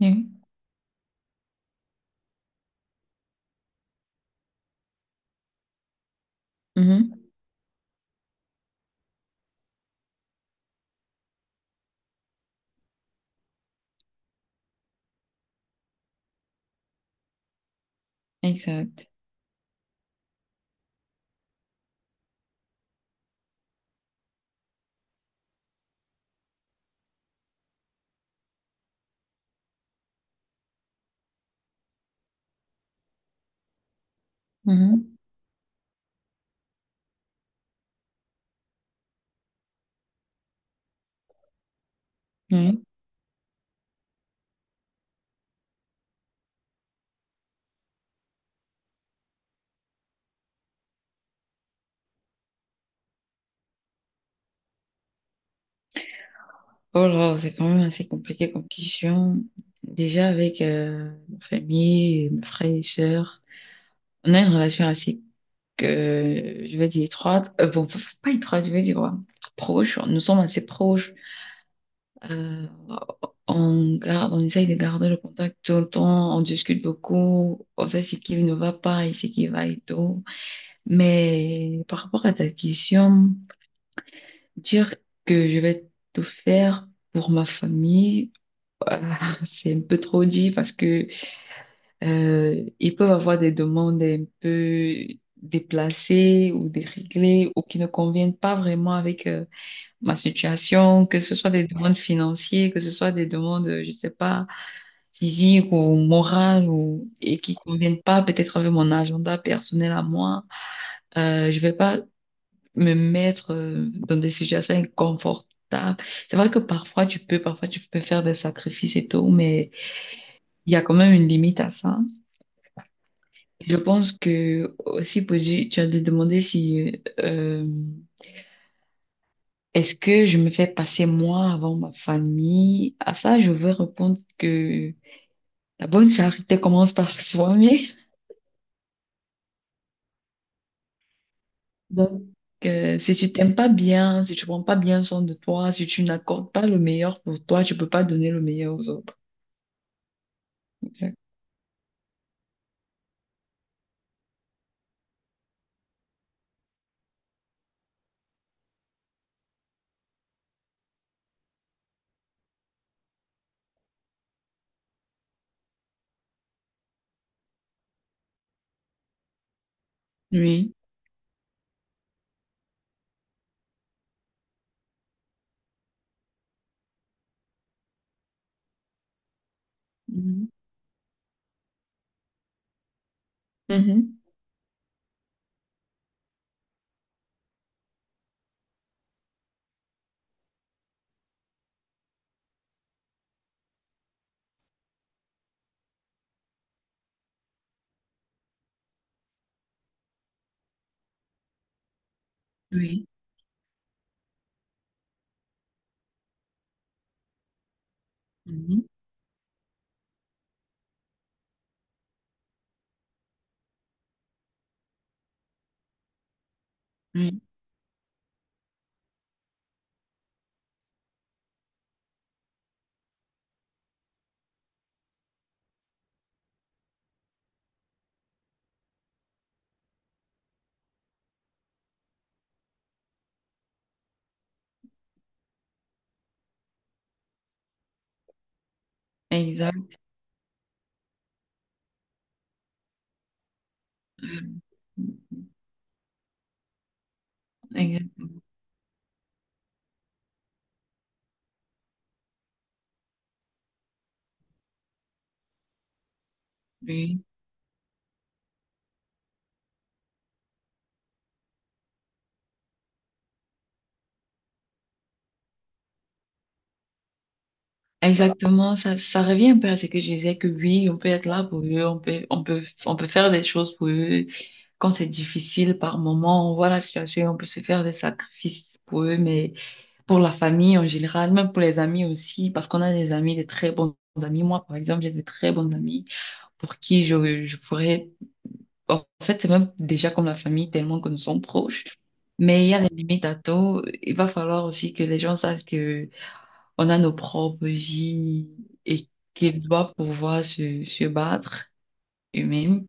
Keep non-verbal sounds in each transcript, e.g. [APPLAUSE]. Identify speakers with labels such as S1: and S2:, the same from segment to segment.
S1: Oui, mhm, exact. Mhm, oui. Oh là, c'est quand même assez compliqué comme question. Déjà avec ma famille, mes frères et sœurs, on a une relation assez, que je vais dire, étroite. Bon, pas étroite, je vais dire, ouais, proche. Nous sommes assez proches. Euh, on garde, on essaye de garder le contact tout le temps. On discute beaucoup. On sait ce qui ne va pas et ce qui va et tout. Mais par rapport à ta question... Dire que je vais tout faire pour ma famille, ah, [LAUGHS] c'est un peu trop dit parce que ils peuvent avoir des demandes un peu déplacées ou déréglées ou qui ne conviennent pas vraiment avec ma situation, que ce soit des demandes financières, que ce soit des demandes, je sais pas, physiques ou morales ou et qui conviennent pas peut-être avec mon agenda personnel à moi. Je vais pas me mettre dans des situations inconfortables. C'est vrai que parfois tu peux faire des sacrifices et tout, mais il y a quand même une limite à ça. Je pense que aussi, Pooji, tu as demandé si est-ce que je me fais passer moi avant ma famille? À ça, je veux répondre que la bonne charité commence par [LAUGHS] soi-même. Donc, si tu t'aimes pas bien, si tu prends pas bien soin de toi, si tu n'accordes pas le meilleur pour toi, tu peux pas donner le meilleur aux autres. Exact. Oui. Mhm. Mhm. Oui. Mhm. Oui. Exact. Euh, exact. Oui. Exactement. Ça revient un peu à ce que je disais que oui, on peut être là pour eux, on peut faire des choses pour eux quand c'est difficile par moment. On voit la situation, on peut se faire des sacrifices pour eux, mais pour la famille en général, même pour les amis aussi, parce qu'on a des amis, des très bons amis. Moi, par exemple, j'ai des très bons amis pour qui je pourrais. En fait, c'est même déjà comme la famille, tellement que nous sommes proches. Mais il y a des limites à tout. Il va falloir aussi que les gens sachent que on a nos propres vies et qu'ils doivent pouvoir se battre eux-mêmes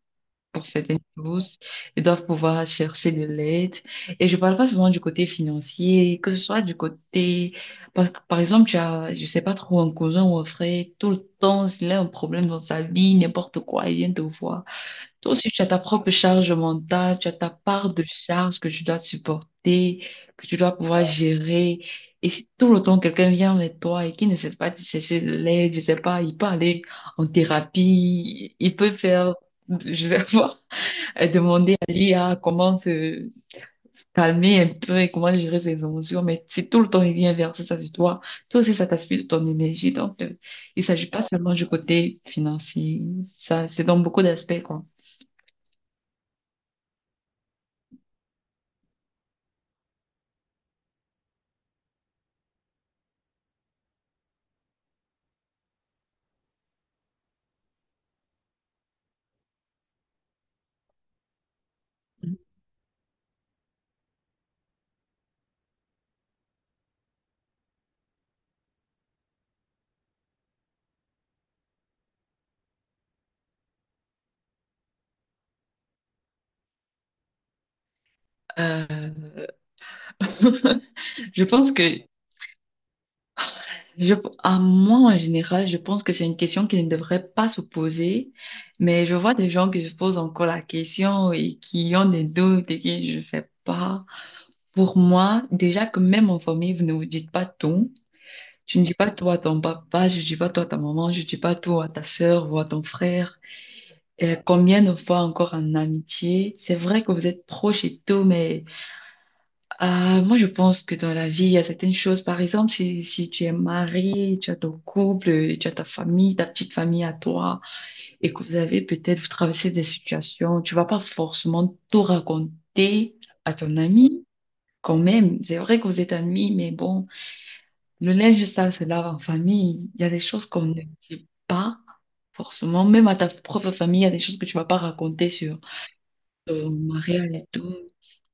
S1: pour certaines choses. Ils doivent pouvoir chercher de l'aide. Et je parle pas seulement du côté financier, que ce soit du côté, parce que par exemple, tu as, je sais pas trop, un cousin ou un frère, tout le temps, il a un problème dans sa vie, n'importe quoi, il vient te voir. Toi aussi, tu as ta propre charge mentale, tu as ta part de charge que tu dois supporter, que tu dois pouvoir gérer. Et si tout le temps quelqu'un vient avec toi et qui ne sait pas te chercher de l'aide, je sais pas, il peut aller en thérapie, il peut faire, [LAUGHS] je sais pas, [LAUGHS] demander à l'IA comment se calmer un peu et comment gérer ses émotions. Mais si tout le temps il vient verser ça sur toi, toi aussi, ça t'aspire de ton énergie. Donc, il s'agit pas seulement du côté financier, ça, c'est dans beaucoup d'aspects, quoi. Euh, [LAUGHS] je pense que, je, à moi en général, je pense que c'est une question qui ne devrait pas se poser, mais je vois des gens qui se posent encore la question et qui ont des doutes et qui, je sais pas. Pour moi, déjà que même en famille, vous ne vous dites pas tout. Tu ne dis pas toi à ton papa, je ne dis pas toi à ta maman, je ne dis pas toi à ta sœur ou à ton frère. Et combien de fois encore en amitié, c'est vrai que vous êtes proches et tout, mais moi je pense que dans la vie, il y a certaines choses. Par exemple, si tu es marié, tu as ton couple, tu as ta famille, ta petite famille à toi, et que vous avez peut-être, vous traversez des situations, tu vas pas forcément tout raconter à ton ami. Quand même, c'est vrai que vous êtes amis, mais bon. Le linge sale se lave en famille. Il y a des choses qu'on ne dit pas forcément. Même à ta propre famille, il y a des choses que tu vas pas raconter sur ton mariage et tout.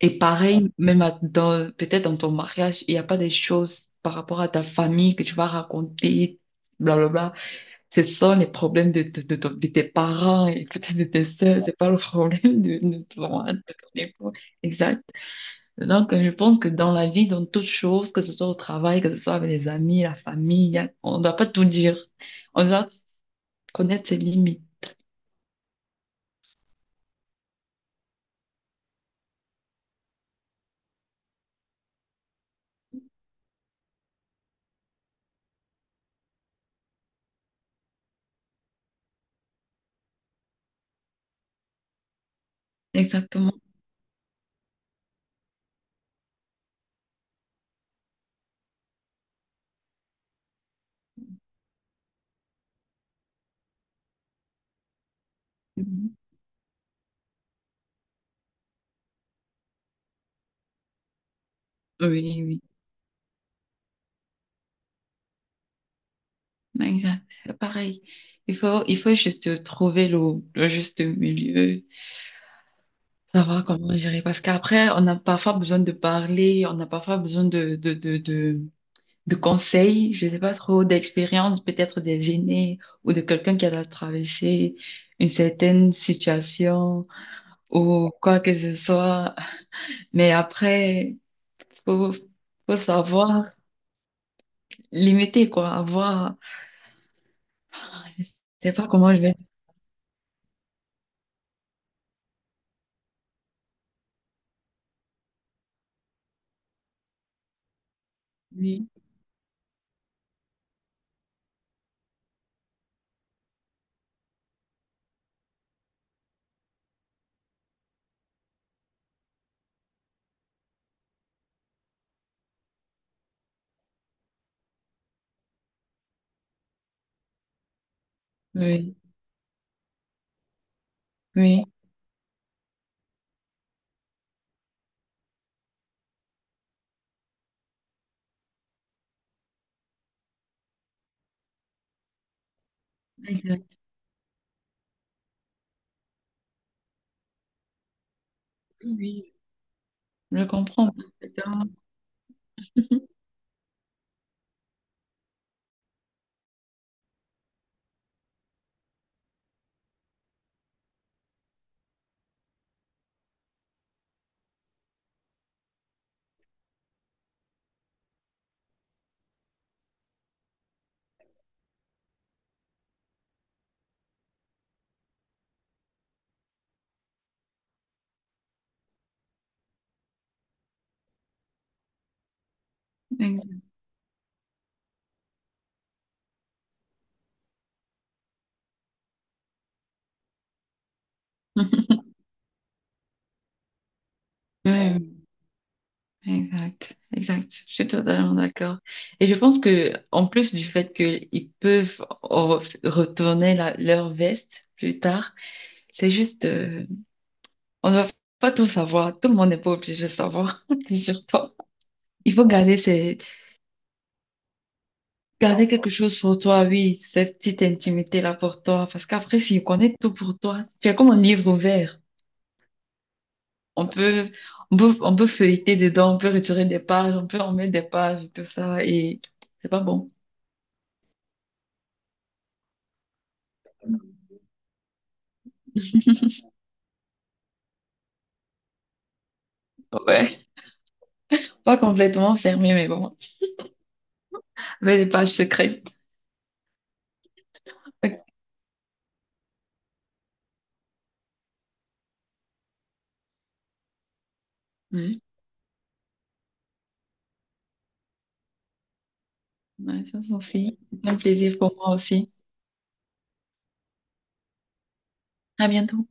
S1: Et pareil, même à- dans, peut-être dans ton mariage, il n'y a pas des choses par rapport à ta famille que tu vas raconter, blablabla. Ce sont les problèmes de tes parents et peut-être de tes soeurs. C'est pas le problème de, de ton époux. Donc, je pense que dans la vie, dans toute chose, que ce soit au travail, que ce soit avec les amis, la famille, y a- on ne doit pas tout dire. On doit connaître ses limites. Exactement. Mhm. Oui, oui. Exact. Pareil. Il faut juste trouver le juste milieu, savoir comment gérer. Parce qu'après, on a parfois besoin de parler, on a parfois besoin de conseils, je sais pas trop, d'expérience, peut-être des aînés ou de quelqu'un qui a traversé une certaine situation. Ou quoi que ce soit. Mais après, faut, faut savoir limiter, quoi, avoir, je sais pas comment je vais dire. Oui, oui, oui, exact. Oui, je comprends parfaitement. [LAUGHS] Exact. Oui, exact, exact. Je suis totalement d'accord. Et je pense que, en plus du fait qu'ils peuvent re- retourner la- leur veste plus tard, c'est juste, on ne va pas tout savoir. Tout le monde n'est pas obligé de savoir, [LAUGHS] surtout. Il faut garder ces, garder quelque chose pour toi, oui, cette petite intimité-là pour toi, parce qu'après, si on connaît tout pour toi, tu es comme un livre ouvert. On peut, on peut feuilleter dedans, on peut retirer des pages, on peut en mettre des pages, tout ça, et c'est pas bon. Ouais, pas complètement fermé, mais bon, avec des pages secrètes. Ouais, ouais, ça c'est aussi, c'est un plaisir pour moi aussi. À bientôt.